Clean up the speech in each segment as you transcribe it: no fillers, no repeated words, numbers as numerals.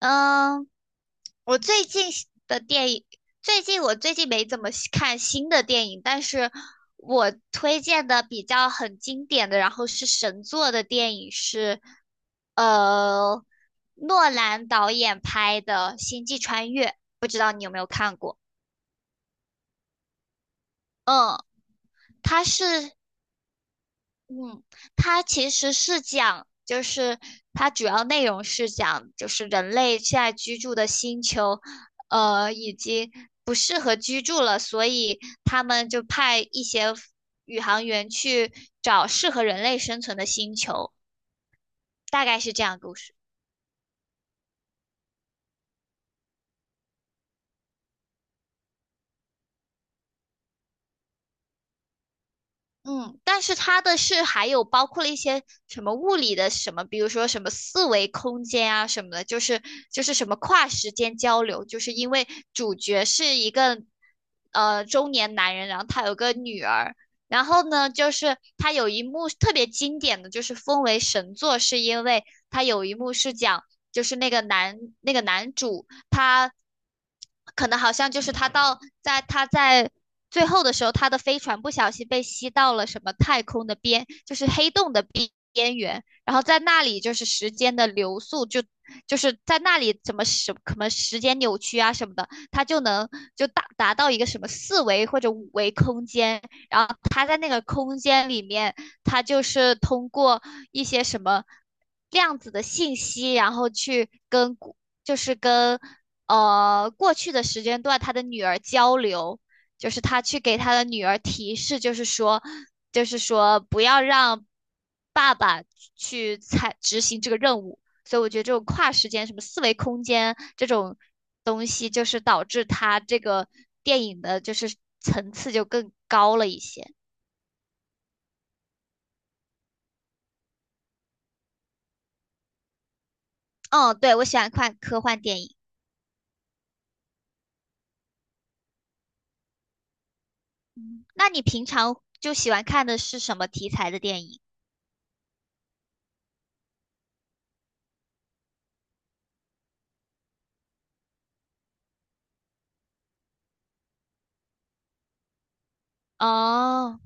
嗯，我最近喜的电影，最近我没怎么喜看新的电影，但是我推荐的比较很经典的，然后是神作的电影是，呃，诺兰导演拍的《星际穿越》，不知道你有没有看过？嗯，它是嗯，它其实是讲，它主要内容是讲，就是人类现在居住的星球，呃，已经不适合居住了，所以他们就派一些宇航员去找适合人类生存的星球，大概是这样的故事。嗯，但是它的是还有包括了一些什么物理的什么，比如说什么四维空间啊什么的，就是什么跨时间交流，就是因为主角是一个中年男人，然后他有个女儿，然后呢，就是他有一幕特别经典的，就是封为神作，是因为他有一幕是讲就是那个男主他。可能好像就是在他在最后的时候，他的飞船不小心被吸到了什么太空的边，就是黑洞的边缘，然后在那里就是时间的流速就是在那里怎么什么时间扭曲啊什么的，他就能达到一个什么四维或者五维空间，然后他在那个空间里面，他就是通过一些什么量子的信息，然后去跟就是跟过去的时间段他的女儿交流，就是他去给他的女儿提示，就是说不要让爸爸执行这个任务。所以我觉得这种跨时间、什么四维空间这种东西，就是导致他这个电影的就是层次就更高了一些。嗯，对，我喜欢看科幻电影。嗯，那你平常就喜欢看的是什么题材的电影？哦。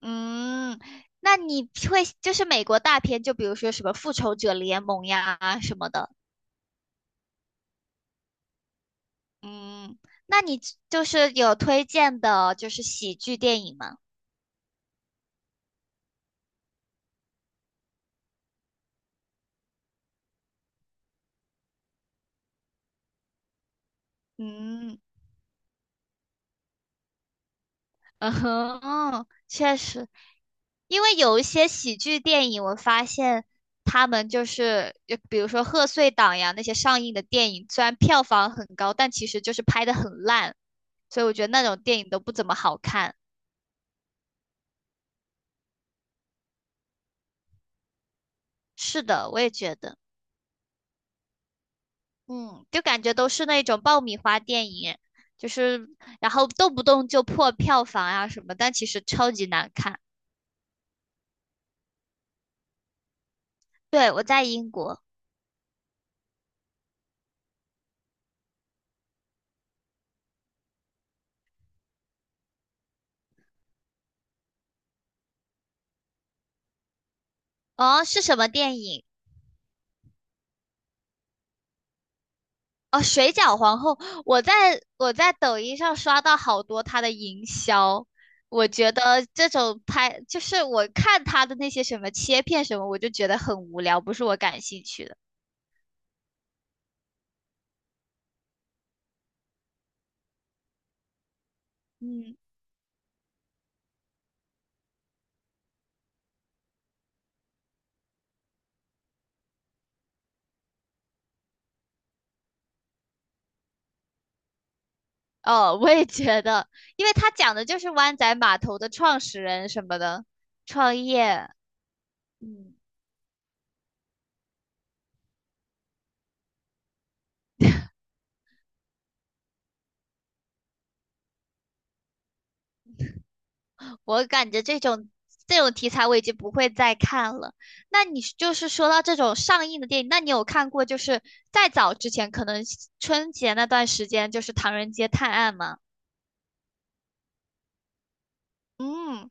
嗯，那你会就是美国大片，就比如说什么《复仇者联盟》呀什么的。嗯，那你就是有推荐的，就是喜剧电影吗？嗯，嗯哼，确实，因为有一些喜剧电影，我发现他们就是，就比如说贺岁档呀那些上映的电影，虽然票房很高，但其实就是拍的很烂，所以我觉得那种电影都不怎么好看。是的，我也觉得。嗯，就感觉都是那种爆米花电影，就是然后动不动就破票房啊什么，但其实超级难看。对，我在英国。哦，是什么电影？哦，《水饺皇后》，我在我在抖音上刷到好多它的营销，我觉得这种拍就是我看它的那些什么切片什么，我就觉得很无聊，不是我感兴趣的。嗯。哦，我也觉得，因为他讲的就是湾仔码头的创始人什么的创业。嗯，我感觉这种题材我已经不会再看了。那你就是说到这种上映的电影，那你有看过就是再早之前，可能春节那段时间就是《唐人街探案》吗？嗯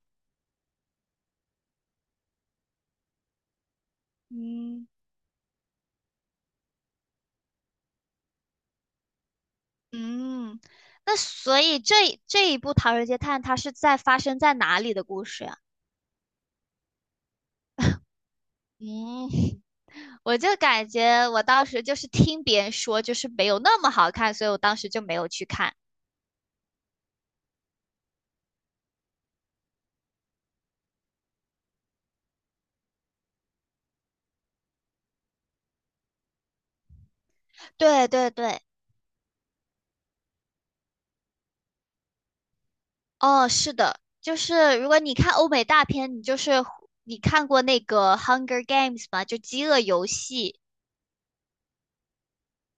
嗯，嗯。那所以这一部《唐人街探案》它是在发生在哪里的故事呀？嗯。我就感觉我当时就是听别人说，就是没有那么好看，所以我当时就没有去看。对对对，哦，是的，就是如果你看欧美大片，你就是你看过那个《Hunger Games》吗？就《饥饿游戏》。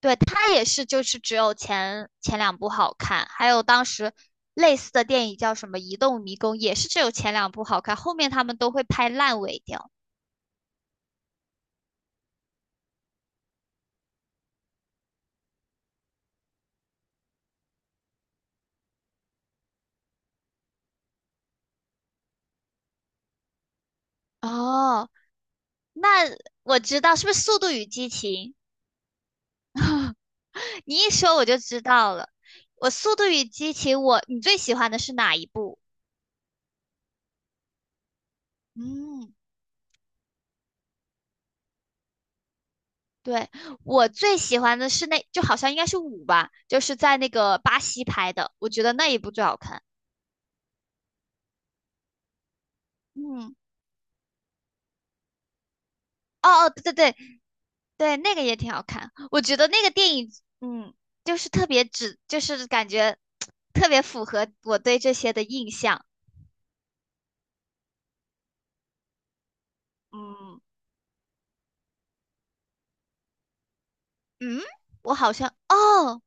对，它也是，就是只有前两部好看，还有当时类似的电影叫什么《移动迷宫》，也是只有前两部好看，后面他们都会拍烂尾掉。哦，那我知道，是不是《速度与激情》？你一说我就知道了。我《速度与激情》我，你最喜欢的是哪一部？嗯，对，我最喜欢的是那，就好像应该是五吧，就是在那个巴西拍的，我觉得那一部最好看。嗯，哦哦，对对，那个也挺好看。我觉得那个电影，嗯，就是特别只，就是感觉特别符合我对这些的印象。嗯嗯，我好像，哦。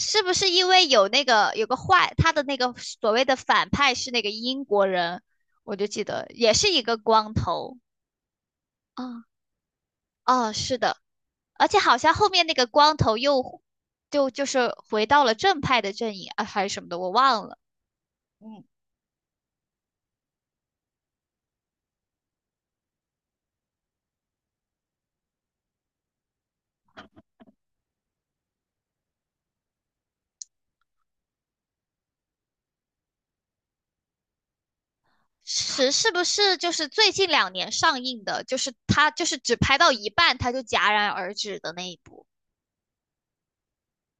是不是因为有那个有个坏，他的那个所谓的反派是那个英国人，我就记得也是一个光头啊。啊哦，是的，而且好像后面那个光头又就是回到了正派的阵营啊，还是什么的，我忘了。嗯，是是不是就是最近两年上映的，就是他就是只拍到一半他就戛然而止的那一部？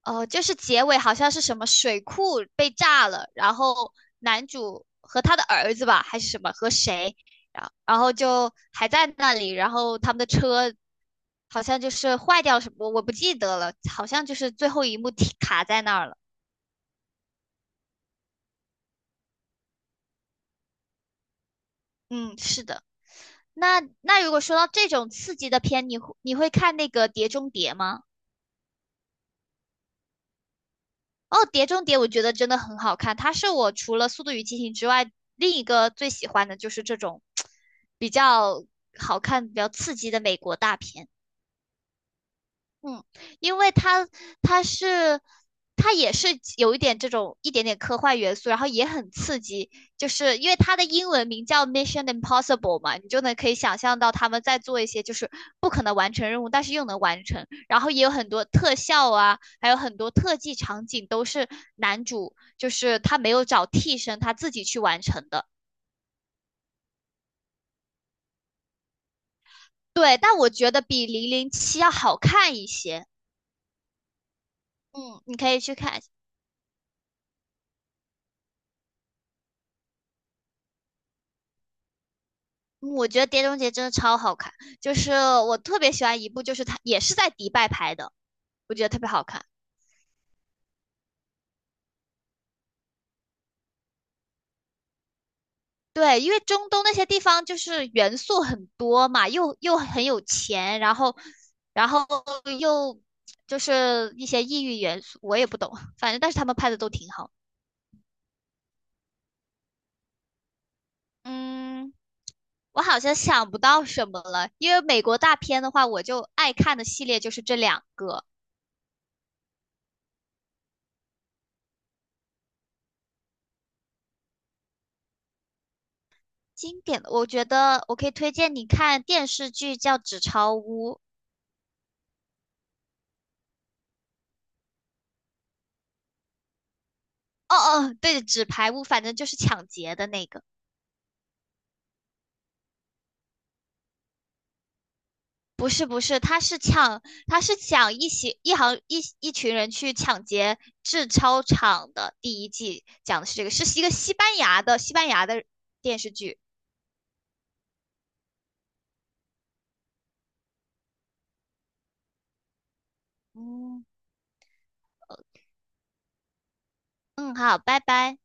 呃，就是结尾好像是什么水库被炸了，然后男主和他的儿子吧，还是什么和谁，然后就还在那里，然后他们的车好像就是坏掉了什么，我不记得了，好像就是最后一幕停卡在那儿了。嗯，是的。那那如果说到这种刺激的片，你会看那个《碟中谍》吗？哦，《碟中谍》我觉得真的很好看，它是我除了《速度与激情》之外另一个最喜欢的就是这种比较好看、比较刺激的美国大片。嗯，因为它是它也是有一点这种一点点科幻元素，然后也很刺激，就是因为它的英文名叫 Mission Impossible 嘛，你就能可以想象到他们在做一些就是不可能完成任务，但是又能完成，然后也有很多特效啊，还有很多特技场景都是男主就是他没有找替身，他自己去完成的。对，但我觉得比《零零七》要好看一些。嗯，你可以去看。嗯，我觉得《碟中谍》真的超好看，就是我特别喜欢一部，就是它也是在迪拜拍的，我觉得特别好看。对，因为中东那些地方就是元素很多嘛，又很有钱，然后又就是一些异域元素，我也不懂，反正但是他们拍的都挺好。嗯，我好像想不到什么了，因为美国大片的话，我就爱看的系列就是这两个。经典的，我觉得我可以推荐你看电视剧叫《纸钞屋》。哦哦，对，纸牌屋，反正就是抢劫的那个。不是不是，他是抢，他是抢一行一一群人去抢劫制钞厂的。第一季讲的是这个，是一个西班牙的西班牙的电视剧。嗯嗯，好，拜拜。